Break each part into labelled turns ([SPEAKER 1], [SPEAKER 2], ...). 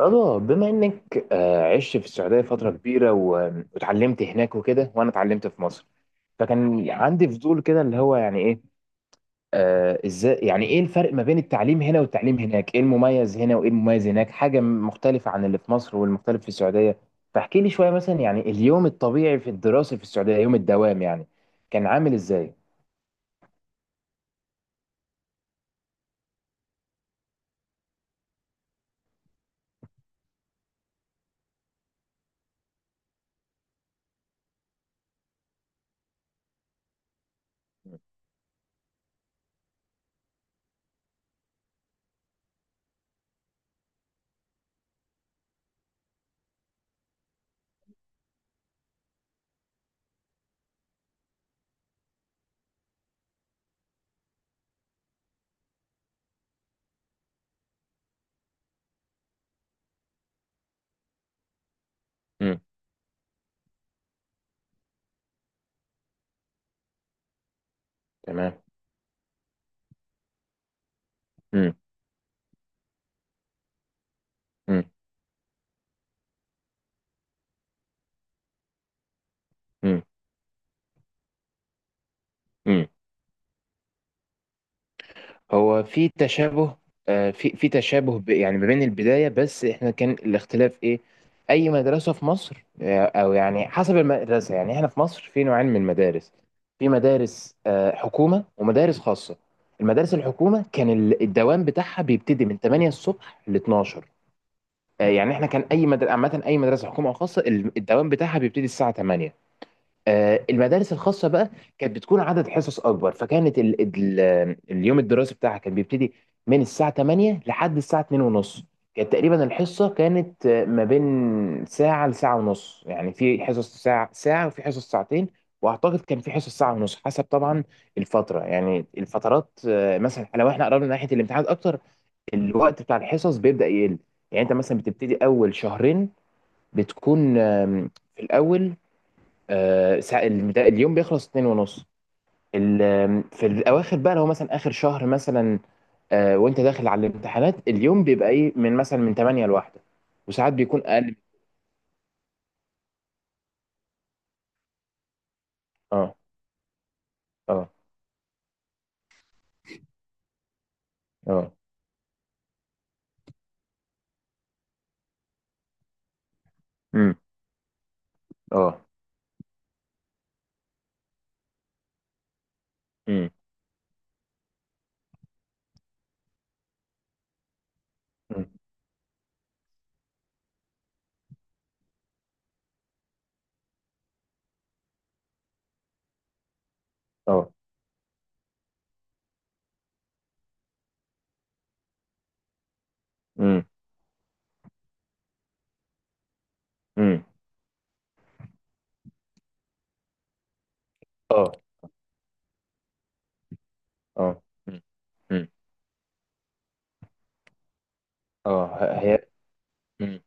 [SPEAKER 1] رضا، بما انك عشت في السعوديه فتره كبيره و- واتعلمت هناك وكده، وانا اتعلمت في مصر. فكان عندي فضول كده، اللي هو يعني ايه. ازاي، يعني ايه الفرق ما بين التعليم هنا والتعليم هناك، ايه المميز هنا وايه المميز هناك، حاجه مختلفه عن اللي في مصر والمختلف في السعوديه. فاحكي لي شويه مثلا، يعني اليوم الطبيعي في الدراسه في السعوديه، يوم الدوام يعني كان عامل ازاي؟ امم. تمام. امم. امم. امم. هو في تشابه. في تشابه، يعني ما بين البداية، بس احنا كان الاختلاف ايه؟ اي مدرسة في مصر، او يعني حسب المدرسة، يعني احنا في مصر في نوعين من المدارس. في مدارس حكومة ومدارس خاصة. المدارس الحكومة كان الدوام بتاعها بيبتدي من 8 الصبح ل 12. يعني احنا كان اي مدرسة عامة، اي مدرسة حكومة او خاصة، الدوام بتاعها بيبتدي الساعة 8. المدارس الخاصة بقى كانت بتكون عدد حصص أكبر، فكانت ال اليوم الدراسي بتاعها كان بيبتدي من الساعة 8 لحد الساعة 2 ونص. كانت تقريبا الحصة كانت ما بين ساعة لساعة ونص، يعني في حصص ساعة ساعة وفي حصص ساعتين. وأعتقد كان في حصص ساعة ونص، حسب طبعا الفترة، يعني الفترات، مثلا لو احنا قربنا ناحية الامتحانات أكتر، الوقت بتاع الحصص بيبدأ يقل. يعني أنت مثلا بتبتدي أول شهرين بتكون في الأول اليوم بيخلص اتنين ونص. في الاواخر بقى، لو مثلا اخر شهر مثلا، وانت داخل على الامتحانات، اليوم بيبقى ايه، من مثلا من 8 لواحدة. وساعات بيكون اقل. اه. اه. اه. امم. اه. امم. أمم. اه. امم. أمم. اه. اه. أمم. أمم. اه. هي. أمم.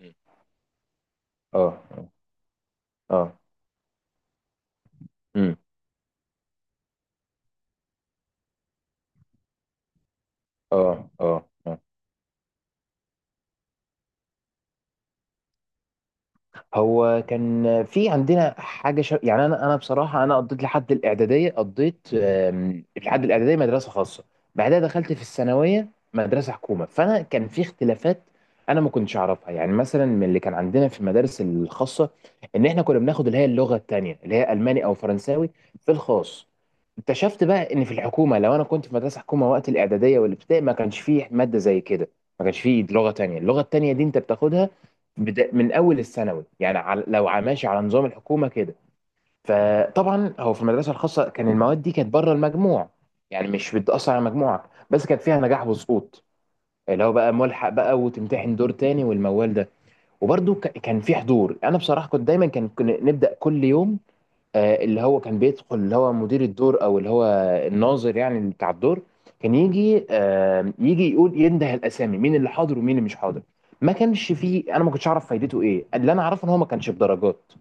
[SPEAKER 1] أمم. اه. اه. أمم. اه. أمم. اه. اه. هو كان في عندنا حاجه يعني انا بصراحه انا قضيت لحد الاعداديه، قضيت لحد الاعداديه مدرسه خاصه. بعدها دخلت في الثانويه مدرسه حكومه، فانا كان في اختلافات انا ما كنتش اعرفها، يعني مثلا من اللي كان عندنا في المدارس الخاصه ان احنا كنا بناخد اللي هي اللغه التانيه، اللي هي الماني او فرنساوي، في الخاص. اكتشفت بقى ان في الحكومه، لو انا كنت في مدرسه حكومه وقت الاعداديه والابتدائي، ما كانش فيه ماده زي كده. ما كانش فيه لغه تانيه. اللغه التانيه دي انت بتاخدها بدا من اول الثانوي، يعني على لو ماشي على نظام الحكومه كده. فطبعا هو في المدرسه الخاصه، كان المواد دي كانت بره المجموع، يعني مش بتاثر على مجموعك، بس كانت فيها نجاح وسقوط، اللي هو بقى ملحق بقى وتمتحن دور تاني والموال ده. وبرده كان في حضور. انا بصراحه كنت دايما، كنا نبدا كل يوم اللي هو كان بيدخل اللي هو مدير الدور او اللي هو الناظر، يعني اللي بتاع الدور. كان يجي يقول ينده الاسامي مين اللي حاضر ومين اللي مش حاضر. ما كانش فيه، انا ما كنتش اعرف فايدته ايه. اللي انا اعرفه ان هو ما كانش بدرجات،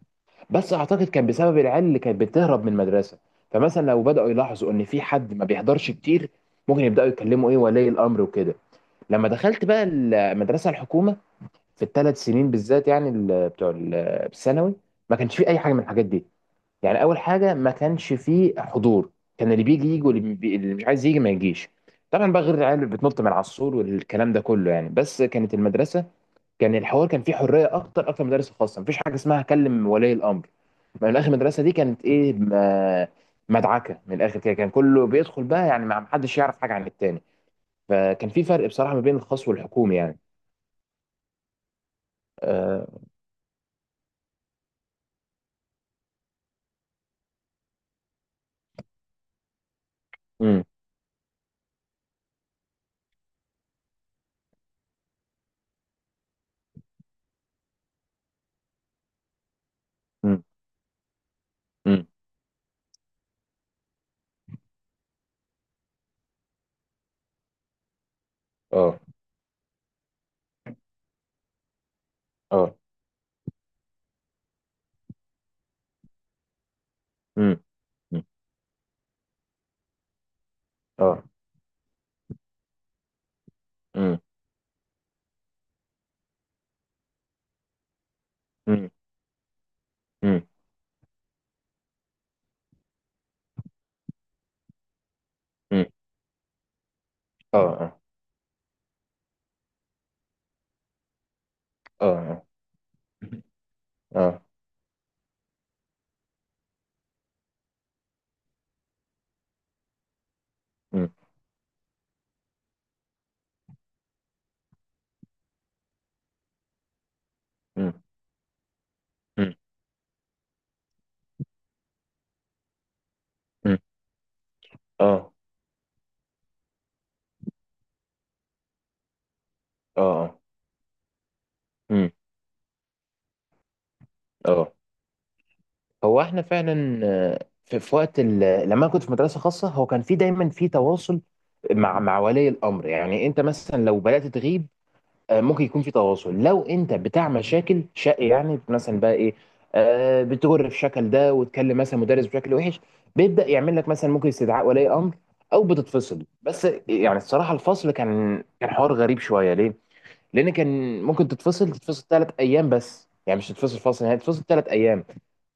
[SPEAKER 1] بس اعتقد كان بسبب العيال اللي كانت بتهرب من المدرسه. فمثلا لو بداوا يلاحظوا ان في حد ما بيحضرش كتير، ممكن يبداوا يتكلموا ايه ولي الامر وكده. لما دخلت بقى المدرسه الحكومه، في الثلاث سنين بالذات، يعني بتوع الثانوي، ما كانش في اي حاجه من الحاجات دي. يعني اول حاجه، ما كانش فيه حضور. كان اللي بيجي يجي، واللي اللي مش عايز يجي ما يجيش. طبعا بقى غير العيال اللي بتنط من على السور والكلام ده كله، يعني بس كانت المدرسه، كان الحوار كان فيه حريه اكتر اكتر من المدارس الخاصه، مفيش حاجه اسمها كلم ولي الامر. من الاخر، المدرسه دي كانت ايه، مدعكه من الاخر كده، كان كله بيدخل بقى، يعني ما حدش يعرف حاجه عن التاني. فكان في فرق بصراحه ما بين الخاص والحكومي يعني. آه. امم. امم. امم. اه. اه. امم. امم. اه. امم. امم. امم. امم. اه. آه. اه. اه. مم. مم. مم. مم. اه. اه. اه. مم. اه. هو احنا فعلا، في وقت لما انا كنت في مدرسه خاصه، هو كان في دايما في تواصل مع ولي الامر. يعني انت مثلا لو بدات تغيب، ممكن يكون في تواصل. لو انت بتاع مشاكل شق، يعني مثلا بقى ايه، بتجر في شكل ده وتكلم مثلا مدرس بشكل وحش، بيبدا يعمل لك مثلا ممكن استدعاء ولي امر، او بتتفصل. بس يعني الصراحه، الفصل كان حوار غريب شويه، ليه؟ لان كان ممكن تتفصل ثلاث ايام، بس يعني مش تتفصل فصل، يعني تتفصل ثلاث ايام.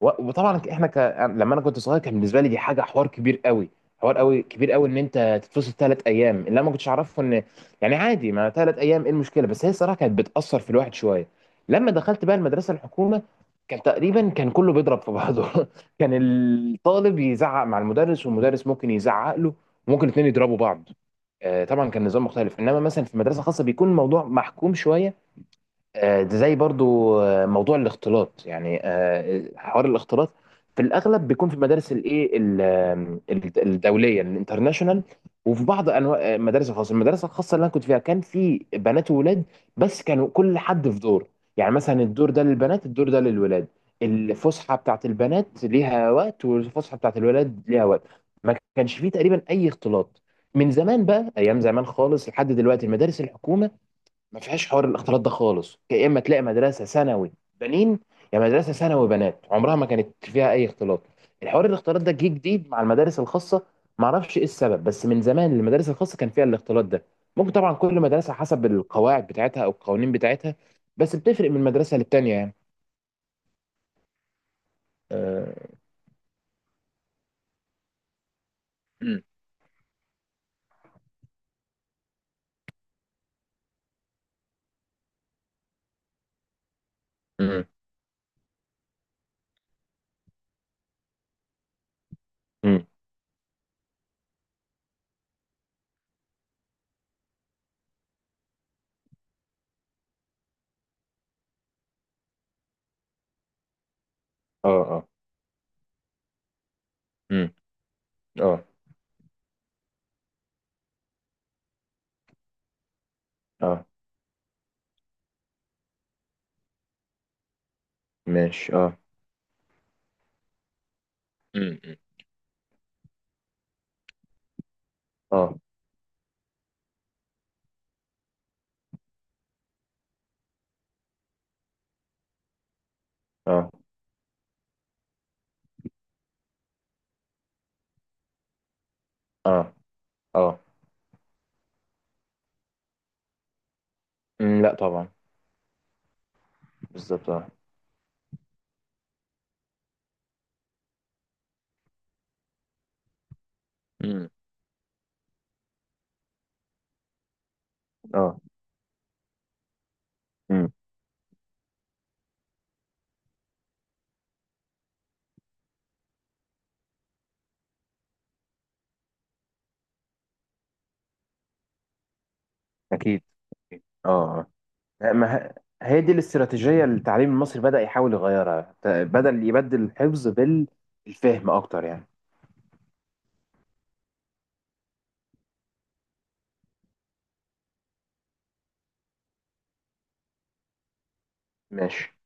[SPEAKER 1] و- وطبعا احنا لما انا كنت صغير كان بالنسبه لي دي حاجه حوار كبير قوي، حوار قوي كبير قوي، ان انت تتفصل ثلاث ايام. اللي انا ما كنتش اعرفه ان يعني عادي، ما ثلاث ايام ايه المشكله، بس هي الصراحه كانت بتاثر في الواحد شويه. لما دخلت بقى المدرسه الحكومه، كان تقريبا كان كله بيضرب في بعضه كان الطالب يزعق مع المدرس، والمدرس ممكن يزعق له، وممكن الاثنين يضربوا بعض. طبعا كان نظام مختلف، انما مثلا في مدرسه خاصه بيكون الموضوع محكوم شويه. زي برضو موضوع الاختلاط، يعني حوار الاختلاط، في الاغلب بيكون في المدارس الايه الدوليه، الانترناشونال، وفي بعض انواع المدارس الخاصه. المدرسه الخاصه اللي انا كنت فيها كان في بنات وولاد، بس كانوا كل حد في دور، يعني مثلا الدور ده للبنات، الدور ده للولاد. الفسحه بتاعت البنات ليها وقت، والفسحه بتاعت الولاد ليها وقت. ما كانش فيه تقريبا اي اختلاط. من زمان بقى، ايام زمان خالص لحد دلوقتي، المدارس الحكومه ما فيهاش حوار الاختلاط ده خالص. يا اما تلاقي مدرسه ثانوي بنين، يا مدرسه ثانوي بنات، عمرها ما كانت فيها اي اختلاط. الحوار الاختلاط ده جه جديد مع المدارس الخاصه. ما اعرفش ايه السبب، بس من زمان المدارس الخاصه كان فيها الاختلاط ده. ممكن طبعا كل مدرسه حسب القواعد بتاعتها او القوانين بتاعتها، بس بتفرق من مدرسه للتانيه يعني. اه. أمم. أمم. أمم. اه. اه. أمم. اه. اه. ماشي. اه. أمم. أمم. اه. اه. اه. اه. أمم. لا، طبعا. بالظبط. اه. أمم. اه. مم. اكيد. أكيد. اه. آه. ما ه- هي دي الاستراتيجيه اللي التعليم المصري بدا يحاول يغيرها، بدل يبدل الحفظ بالفهم اكتر يعني. ماشي.